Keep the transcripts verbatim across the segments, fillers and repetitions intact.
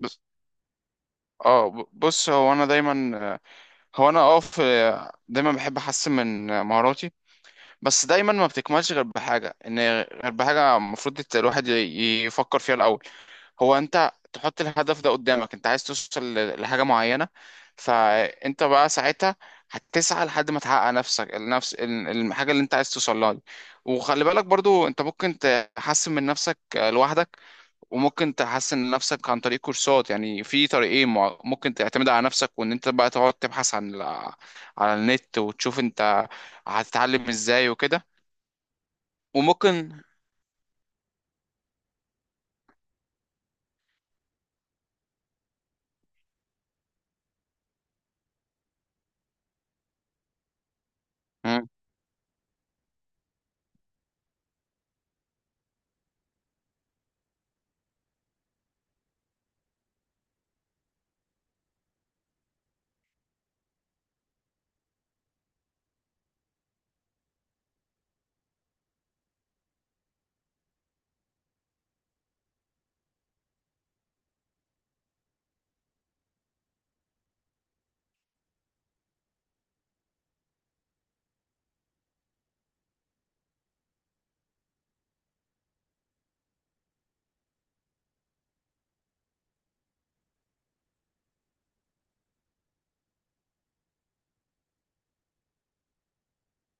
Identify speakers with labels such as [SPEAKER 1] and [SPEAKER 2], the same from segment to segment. [SPEAKER 1] بس، اه ب- بص. هو انا دايما، هو انا اه في دايما بحب احسن من مهاراتي. بس دايما ما بتكملش غير بحاجه، ان غير بحاجه المفروض الواحد ي- يفكر فيها الاول. هو انت تحط الهدف ده قدامك، انت عايز توصل ل- لحاجه معينه، فانت بقى ساعتها هتسعى لحد ما تحقق نفسك، النفس ال- الحاجه اللي انت عايز توصل لها دي. وخلي بالك برضو، انت ممكن تحسن من نفسك آه، لوحدك، وممكن تحسن نفسك عن طريق كورسات، يعني في طريقين، مع- ممكن تعتمد على نفسك وان انت بقى تقعد تبحث عن ال- على النت وتشوف انت هتتعلم ازاي وكده، وممكن. مم.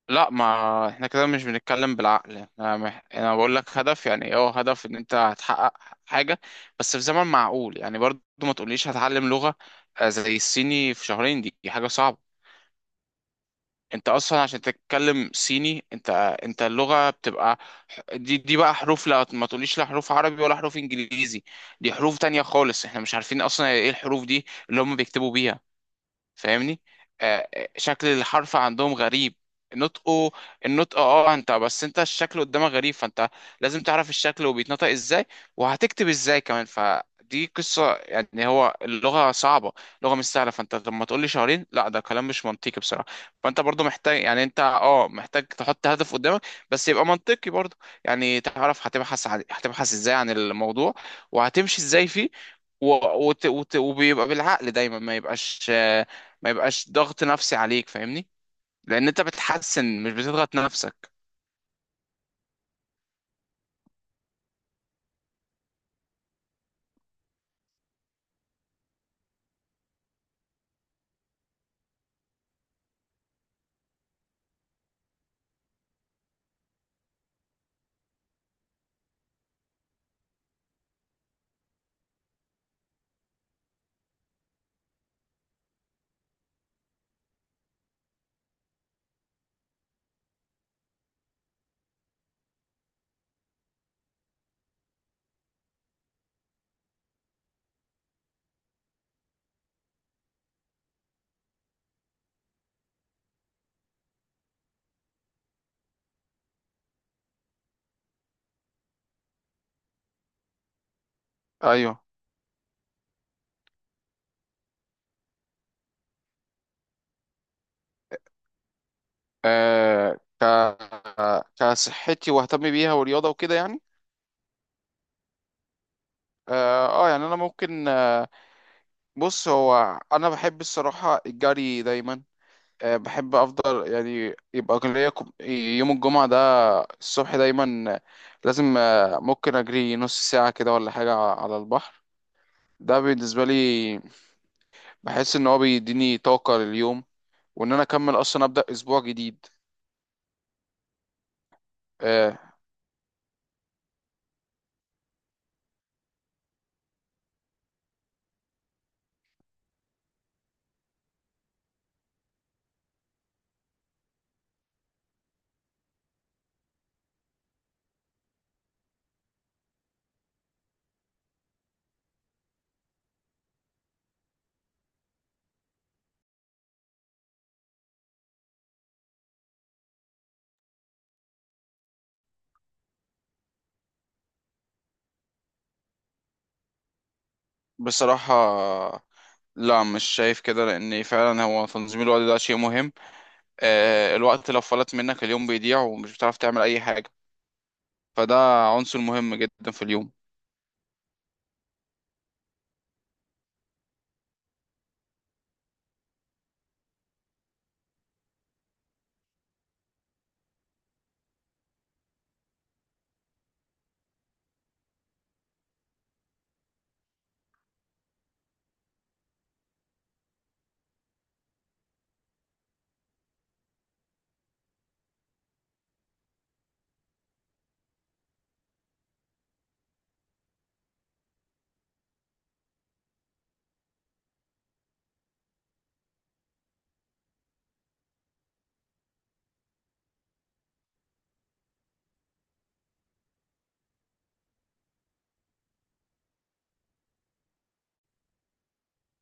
[SPEAKER 1] لا، ما احنا كده مش بنتكلم بالعقل، انا مح... انا بقول لك هدف، يعني اه هدف ان انت هتحقق حاجة بس في زمن معقول. يعني برضو ما تقوليش هتعلم لغة آه، زي الصيني في شهرين، دي دي حاجة صعبة. انت اصلا عشان تتكلم صيني، انت انت اللغة بتبقى دي دي بقى حروف. لا، ما تقوليش لا حروف عربي ولا حروف انجليزي، دي حروف تانية خالص، احنا مش عارفين اصلا ايه الحروف دي اللي هم بيكتبوا بيها، فاهمني؟ آه آه، شكل الحرف عندهم غريب، نطقه النطق، اه انت بس، انت الشكل قدامك غريب، فانت لازم تعرف الشكل وبيتنطق ازاي وهتكتب ازاي كمان، فدي قصة. يعني هو اللغة صعبة، اللغة مش سهلة، فانت لما تقول لي شهرين لا، ده كلام مش منطقي بصراحة. فانت برضو محتاج، يعني انت اه محتاج تحط هدف قدامك بس يبقى منطقي برضو. يعني تعرف هتبحث عن هتبحث ازاي عن الموضوع وهتمشي ازاي فيه، و... وت... وت... وبيبقى بالعقل دايما، ما يبقاش آه، ما يبقاش ضغط نفسي عليك، فاهمني؟ لان انت بتحسن مش بتضغط نفسك. ايوه. آه ك كصحتي، واهتم بيها والرياضه وكده يعني. اه آه، يعني انا ممكن، آه بص، هو انا بحب الصراحه الجري دايما، آه بحب افضل يعني، يبقى كان ليا كم- يوم الجمعه ده الصبح دايما، آه، لازم، آه ممكن اجري نص ساعه كده ولا حاجه على البحر، ده بالنسبه لي، بحس ان هو بيديني طاقه لليوم وان انا اكمل اصلا ابدا اسبوع جديد. آه بصراحه، لا مش شايف كده، لان فعلا هو تنظيم الوقت ده شيء مهم. آه الوقت لو فلت منك اليوم بيضيع ومش بتعرف تعمل اي حاجه، فده عنصر مهم جدا في اليوم.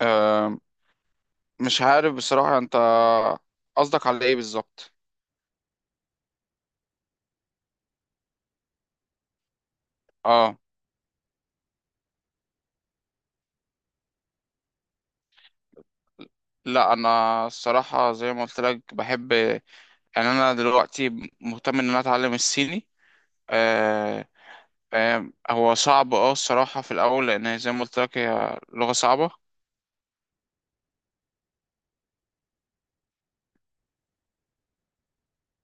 [SPEAKER 1] آه مش عارف بصراحه، انت قصدك على ايه بالظبط؟ اه، لا انا الصراحه زي ما قلت لك بحب، يعني انا دلوقتي مهتم ان انا اتعلم الصيني. آه، فاهم هو صعب، اه الصراحة في الأول، لأن هي زي ما قلت لك هي لغة صعبة.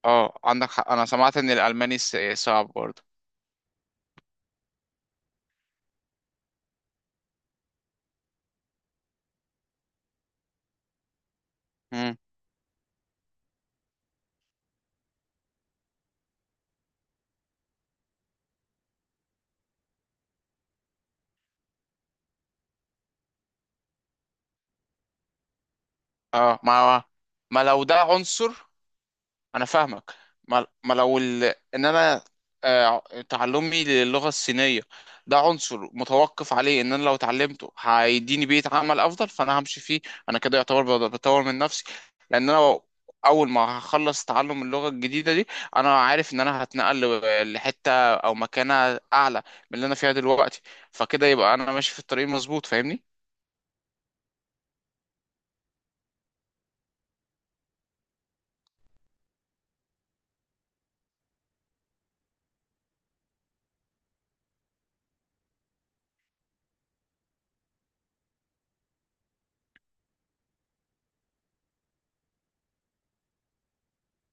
[SPEAKER 1] اه، عندك حق، أنا سمعت إن الألماني س- صعب برضه. مم. اه، ما ما لو ده عنصر، انا فاهمك، ما ما لو ال... ان انا آه، تعلمي للغة الصينية، ده عنصر متوقف عليه ان انا لو اتعلمته هيديني بيئة عمل افضل فانا همشي فيه. انا كده يعتبر بط- بطور من نفسي، لان انا اول ما هخلص تعلم اللغة الجديدة دي انا عارف ان انا هتنقل ل- لحتة او مكانة اعلى من اللي انا فيها دلوقتي، فكده يبقى انا ماشي في الطريق مظبوط، فاهمني؟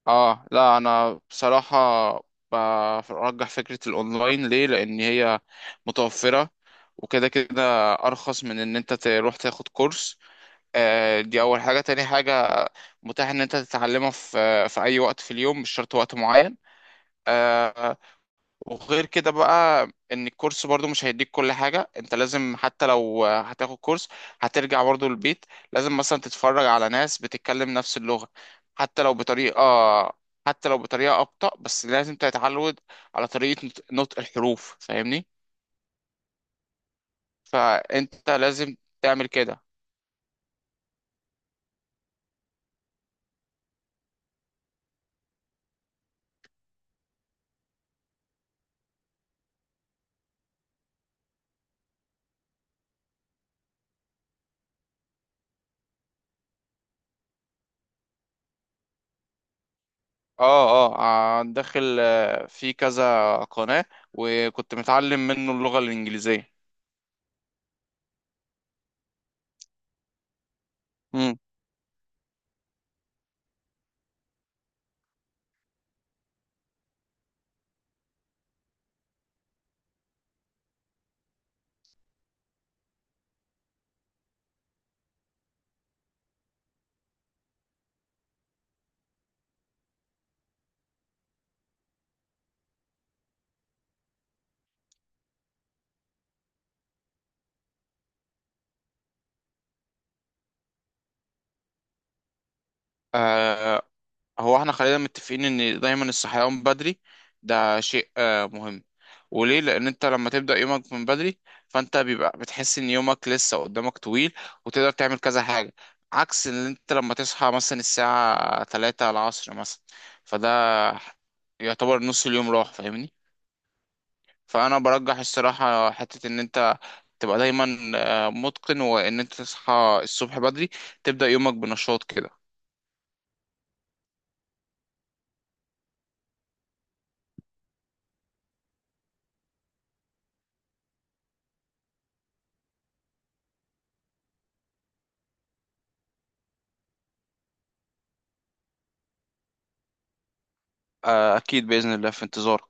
[SPEAKER 1] اه، لا انا بصراحة برجح فكرة الاونلاين، ليه؟ لان هي متوفرة، وكده كده ارخص من ان انت تروح تاخد كورس. آه دي اول حاجة. تاني حاجة، متاح ان انت تتعلمها في في اي وقت في اليوم، مش شرط وقت معين. آه، وغير كده بقى، ان الكورس برضو مش هيديك كل حاجة، انت لازم حتى لو هتاخد كورس هترجع برضو البيت، لازم مثلا تتفرج على ناس بتتكلم نفس اللغة، حتى لو بطريقة، حتى لو بطريقة أبطأ، بس لازم تتعود على طريقة نط- نطق الحروف، فاهمني؟ فانت لازم تعمل كده. اه اه آه، داخل آه، في كذا قناة، وكنت متعلم منه اللغة الإنجليزية. مم. هو احنا خلينا متفقين ان دايما الصحيان بدري ده شيء آه، مهم، وليه؟ لان انت لما تبدا يومك من بدري فانت بيبقى بتحس ان يومك لسه قدامك طويل، وتقدر تعمل كذا حاجه، عكس ان انت لما تصحى مثلا الساعه ثلاثة العصر مثلا، فده يعتبر نص اليوم راح، فاهمني؟ فانا برجح الصراحه حته ان انت تبقى دايما آه، متقن، وان انت تصحى الصبح بدري، تبدا يومك بنشاط كده. آه، اكيد باذن الله في انتظارك.